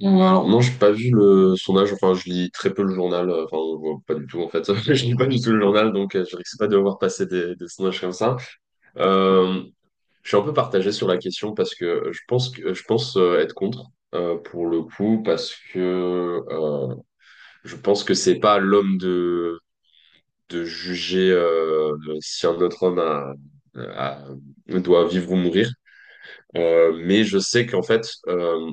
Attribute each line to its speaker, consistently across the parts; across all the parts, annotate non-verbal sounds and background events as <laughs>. Speaker 1: Ou alors, non, j'ai pas vu le sondage. Enfin, je lis très peu le journal. Enfin, on voit pas du tout en fait. <laughs> Je lis pas du tout le journal, donc je risque pas de voir passer des sondages comme ça. Euh, je suis un peu partagé sur la question parce que je pense être contre pour le coup parce que je pense que c'est pas à l'homme de juger, si un autre homme a- doit vivre ou mourir. Mais je sais qu'en fait,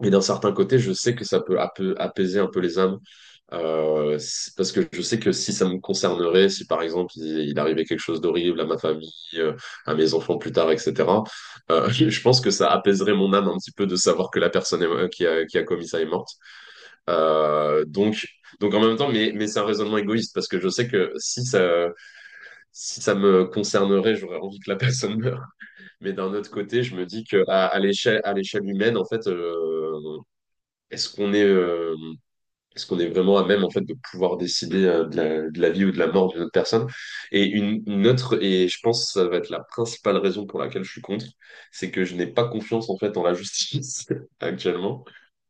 Speaker 1: mais d'un certain côté, je sais que ça peut apaiser un peu les âmes, parce que je sais que si ça me concernerait, si par exemple il arrivait quelque chose d'horrible à ma famille, à mes enfants plus tard, etc., <laughs> je pense que ça apaiserait mon âme un petit peu de savoir que la personne qui qui a commis ça est morte. Euh, donc, donc en même temps, mais c'est un raisonnement égoïste, parce que je sais que si ça me concernerait, j'aurais envie que la <laughs> personne meure. Mais d'un autre côté, je me dis que à l'échelle humaine, en fait, est-ce qu'on est, euh, est-ce qu'on est vraiment à même en fait de pouvoir décider, de de la vie ou de la mort d'une autre personne? Et une autre, et je pense que ça va être la principale raison pour laquelle je suis contre, c'est que je n'ai pas confiance en fait en la justice <laughs> actuellement.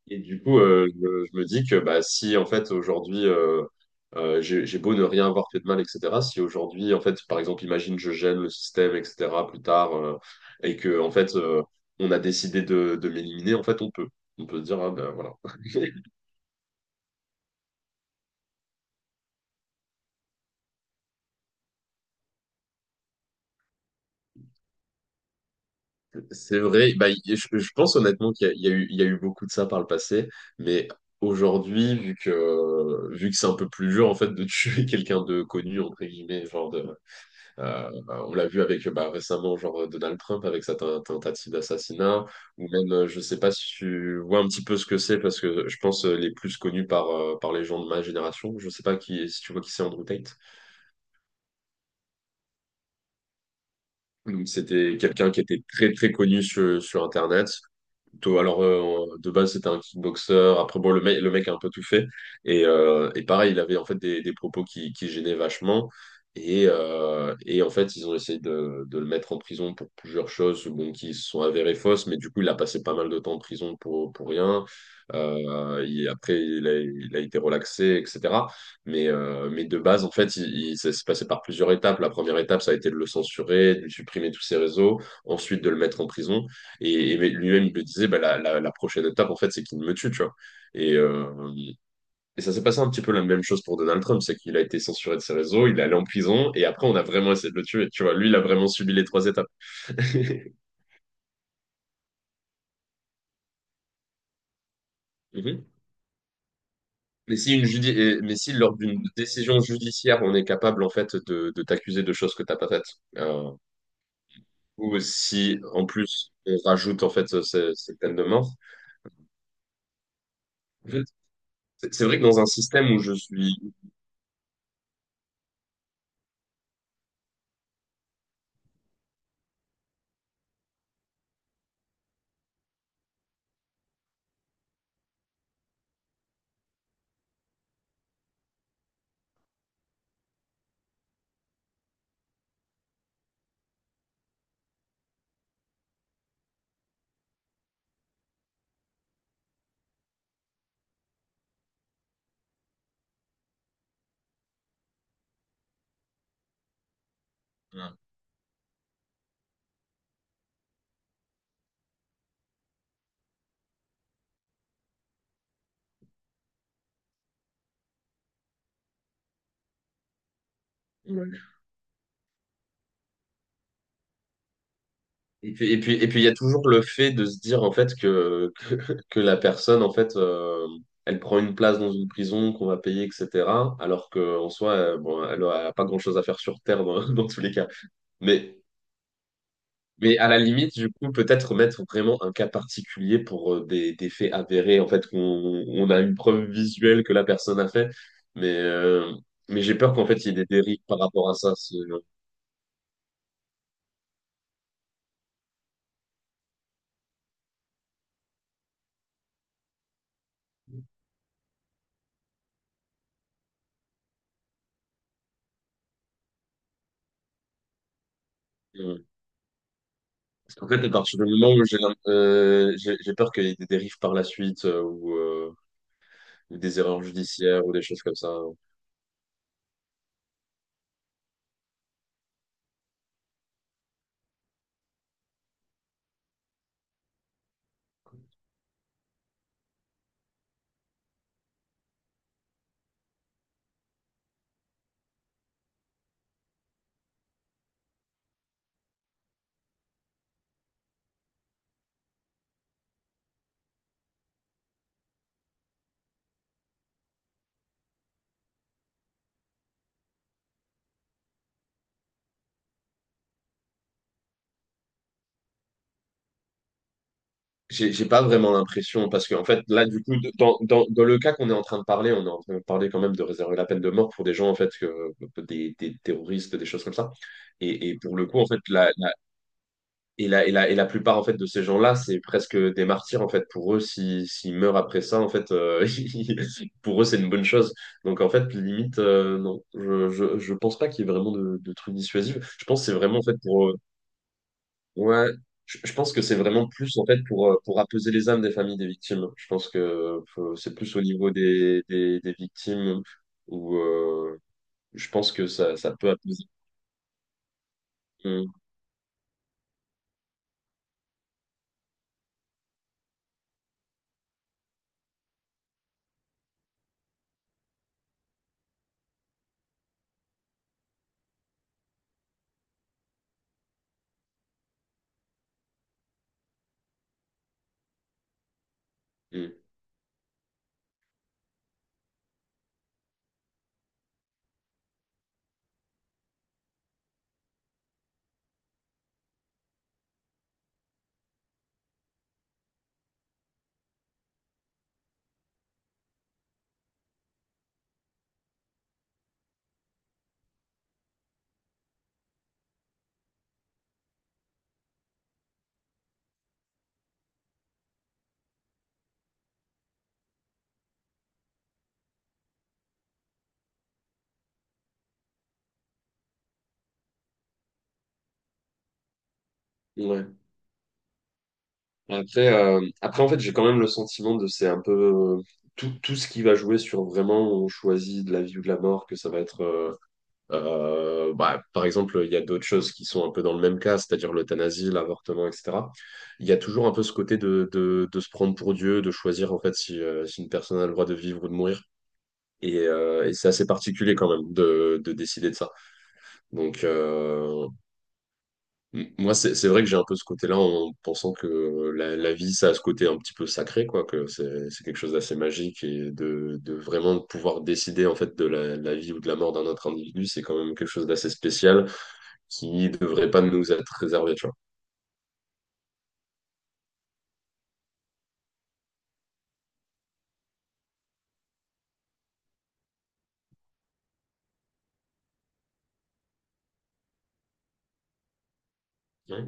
Speaker 1: Et du coup, je me dis que bah, si en fait aujourd'hui j'ai beau ne rien avoir fait de mal, etc. Si aujourd'hui, en fait, par exemple, imagine je gêne le système, etc. plus tard, et que en fait on a décidé de m'éliminer, en fait, on peut. On peut se dire, ah ben voilà. <laughs> C'est vrai, bah, je pense honnêtement qu'il y a, il y a eu beaucoup de ça par le passé, mais aujourd'hui, vu que c'est un peu plus dur en fait de tuer <laughs> quelqu'un de connu, entre guillemets, genre de, on l'a vu avec bah, récemment, genre Donald Trump avec sa tentative d'assassinat, ou même, je sais pas si tu vois un petit peu ce que c'est, parce que je pense les plus connus par, par les gens de ma génération. Je sais pas qui, si tu vois qui c'est Andrew Tate. Donc, c'était quelqu'un qui était très très connu sur Internet. Toi, alors, de base, c'était un kickboxer. Après, bon, le mec a un peu tout fait. Et pareil, il avait en fait des propos qui gênaient vachement. Et en fait, ils ont essayé de le mettre en prison pour plusieurs choses bon, qui se sont avérées fausses. Mais du coup, il a passé pas mal de temps en prison pour rien. Après, il a été relaxé, etc. Mais de base, en fait, ça s'est passé par plusieurs étapes. La première étape, ça a été de le censurer, de lui supprimer tous ses réseaux, ensuite de le mettre en prison. Et lui-même, il me disait, bah, la prochaine étape, en fait, c'est qu'il me tue, tu vois. Et, euh, et ça s'est passé un petit peu la même chose pour Donald Trump, c'est qu'il a été censuré de ses réseaux, il est allé en prison, et après, on a vraiment essayé de le tuer, tu vois. Lui, il a vraiment subi les trois étapes. <laughs> Mhm. Mais si, mais si lors d'une décision judiciaire, on est capable en fait de t'accuser de choses que t'as pas faites, euh, ou si en plus on rajoute en fait ces peines de mort, en fait, c'est vrai que dans un système où je suis, et puis, il y a toujours le fait de se dire en fait <laughs> que la personne en fait elle prend une place dans une prison qu'on va payer, etc. Alors qu'en soi, bon, elle n'a pas grand-chose à faire sur Terre dans, <laughs> dans tous les cas. Mais, mais à la limite, du coup, peut-être mettre vraiment un cas particulier pour des faits avérés, en fait, qu'on a une preuve visuelle que la personne a fait. Mais, euh, mais j'ai peur qu'en fait, il y ait des dérives par rapport à ça. Euh, En fait, à partir du moment où j'ai l'im- j'ai peur qu'il y ait des dérives par la suite ou des erreurs judiciaires ou des choses comme ça, j'ai pas vraiment l'impression parce que en fait là du coup dans, dans le cas qu'on est en train de parler, on est en train de parler quand même de réserver la peine de mort pour des gens en fait que, des terroristes, des choses comme ça. Et pour le coup en fait la, Et et la plupart en fait de ces gens-là, c'est presque des martyrs en fait. Pour eux, s'ils meurent après ça, en fait, <laughs> pour eux, c'est une bonne chose. Donc en fait, limite, non, je pense pas qu'il y ait vraiment de trucs dissuasifs. Je pense que c'est vraiment en fait pour, ouais, je pense que c'est vraiment plus en fait pour apaiser les âmes des familles des victimes. Je pense que c'est plus au niveau des des victimes où je pense que ça peut apaiser. Mm, mm. Ouais. Après, en fait, j'ai quand même le sentiment de c'est un peu euh, tout ce qui va jouer sur vraiment on choisit de la vie ou de la mort, que ça va être. Bah, par exemple, il y a d'autres choses qui sont un peu dans le même cas, c'est-à-dire l'euthanasie, l'avortement, etc. Il y a toujours un peu ce côté de se prendre pour Dieu, de choisir en fait si, si une personne a le droit de vivre ou de mourir. Et c'est assez particulier quand même de décider de ça. Donc, moi, c'est vrai que j'ai un peu ce côté-là en pensant que la vie, ça a ce côté un petit peu sacré, quoi, que c'est quelque chose d'assez magique et de vraiment de pouvoir décider en fait de la vie ou de la mort d'un autre individu, c'est quand même quelque chose d'assez spécial qui devrait pas nous être réservé, tu vois. Ouais.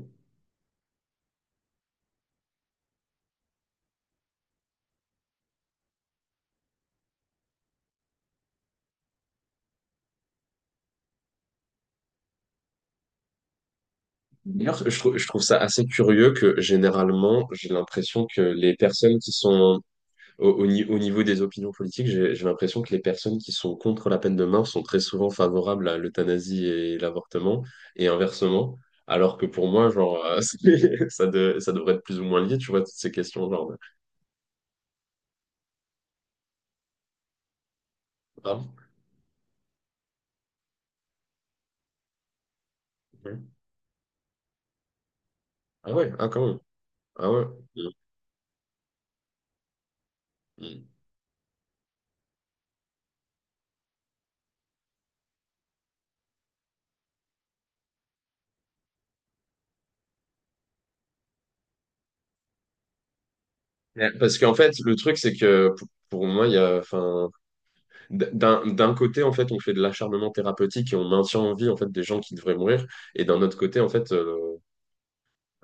Speaker 1: D'ailleurs, je trouve ça assez curieux que généralement, j'ai l'impression que les personnes qui sont Au, au ni- au niveau des opinions politiques, j'ai l'impression que les personnes qui sont contre la peine de mort sont très souvent favorables à l'euthanasie et l'avortement, et inversement, alors que pour moi, genre, <laughs> ça devrait être plus ou moins lié, tu vois, toutes ces questions, genre, de- Ah bon. Ouais. Ah ouais, ah quand même, ah ouais. Mm, mm. Ouais. Parce qu'en fait, le truc, c'est que pour moi, il y a, enfin, d'un côté, en fait, on fait de l'acharnement thérapeutique et on maintient en vie, en fait, des gens qui devraient mourir, et d'un autre côté, en fait,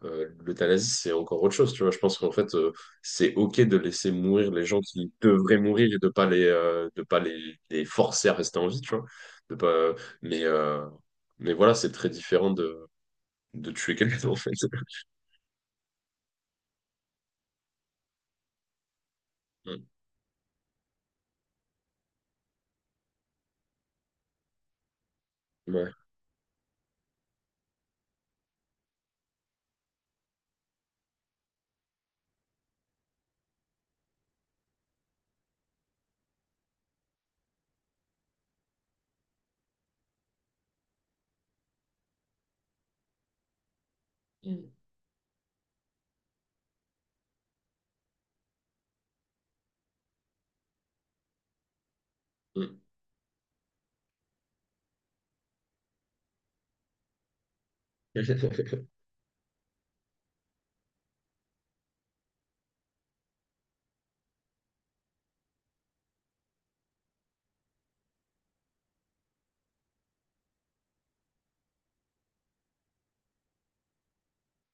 Speaker 1: L'euthanasie, c'est encore autre chose, tu vois. Je pense qu'en fait, c'est OK de laisser mourir les gens qui devraient mourir et de pas les, de pas les forcer à rester en vie, tu vois. De pas, mais, euh, mais voilà, c'est très différent de tuer quelqu'un, en fait. <laughs> Ouais. Mm. Mm. <laughs>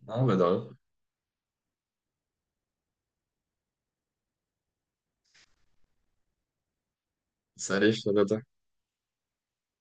Speaker 1: Non, bah, de rien. Salut, Jonathan.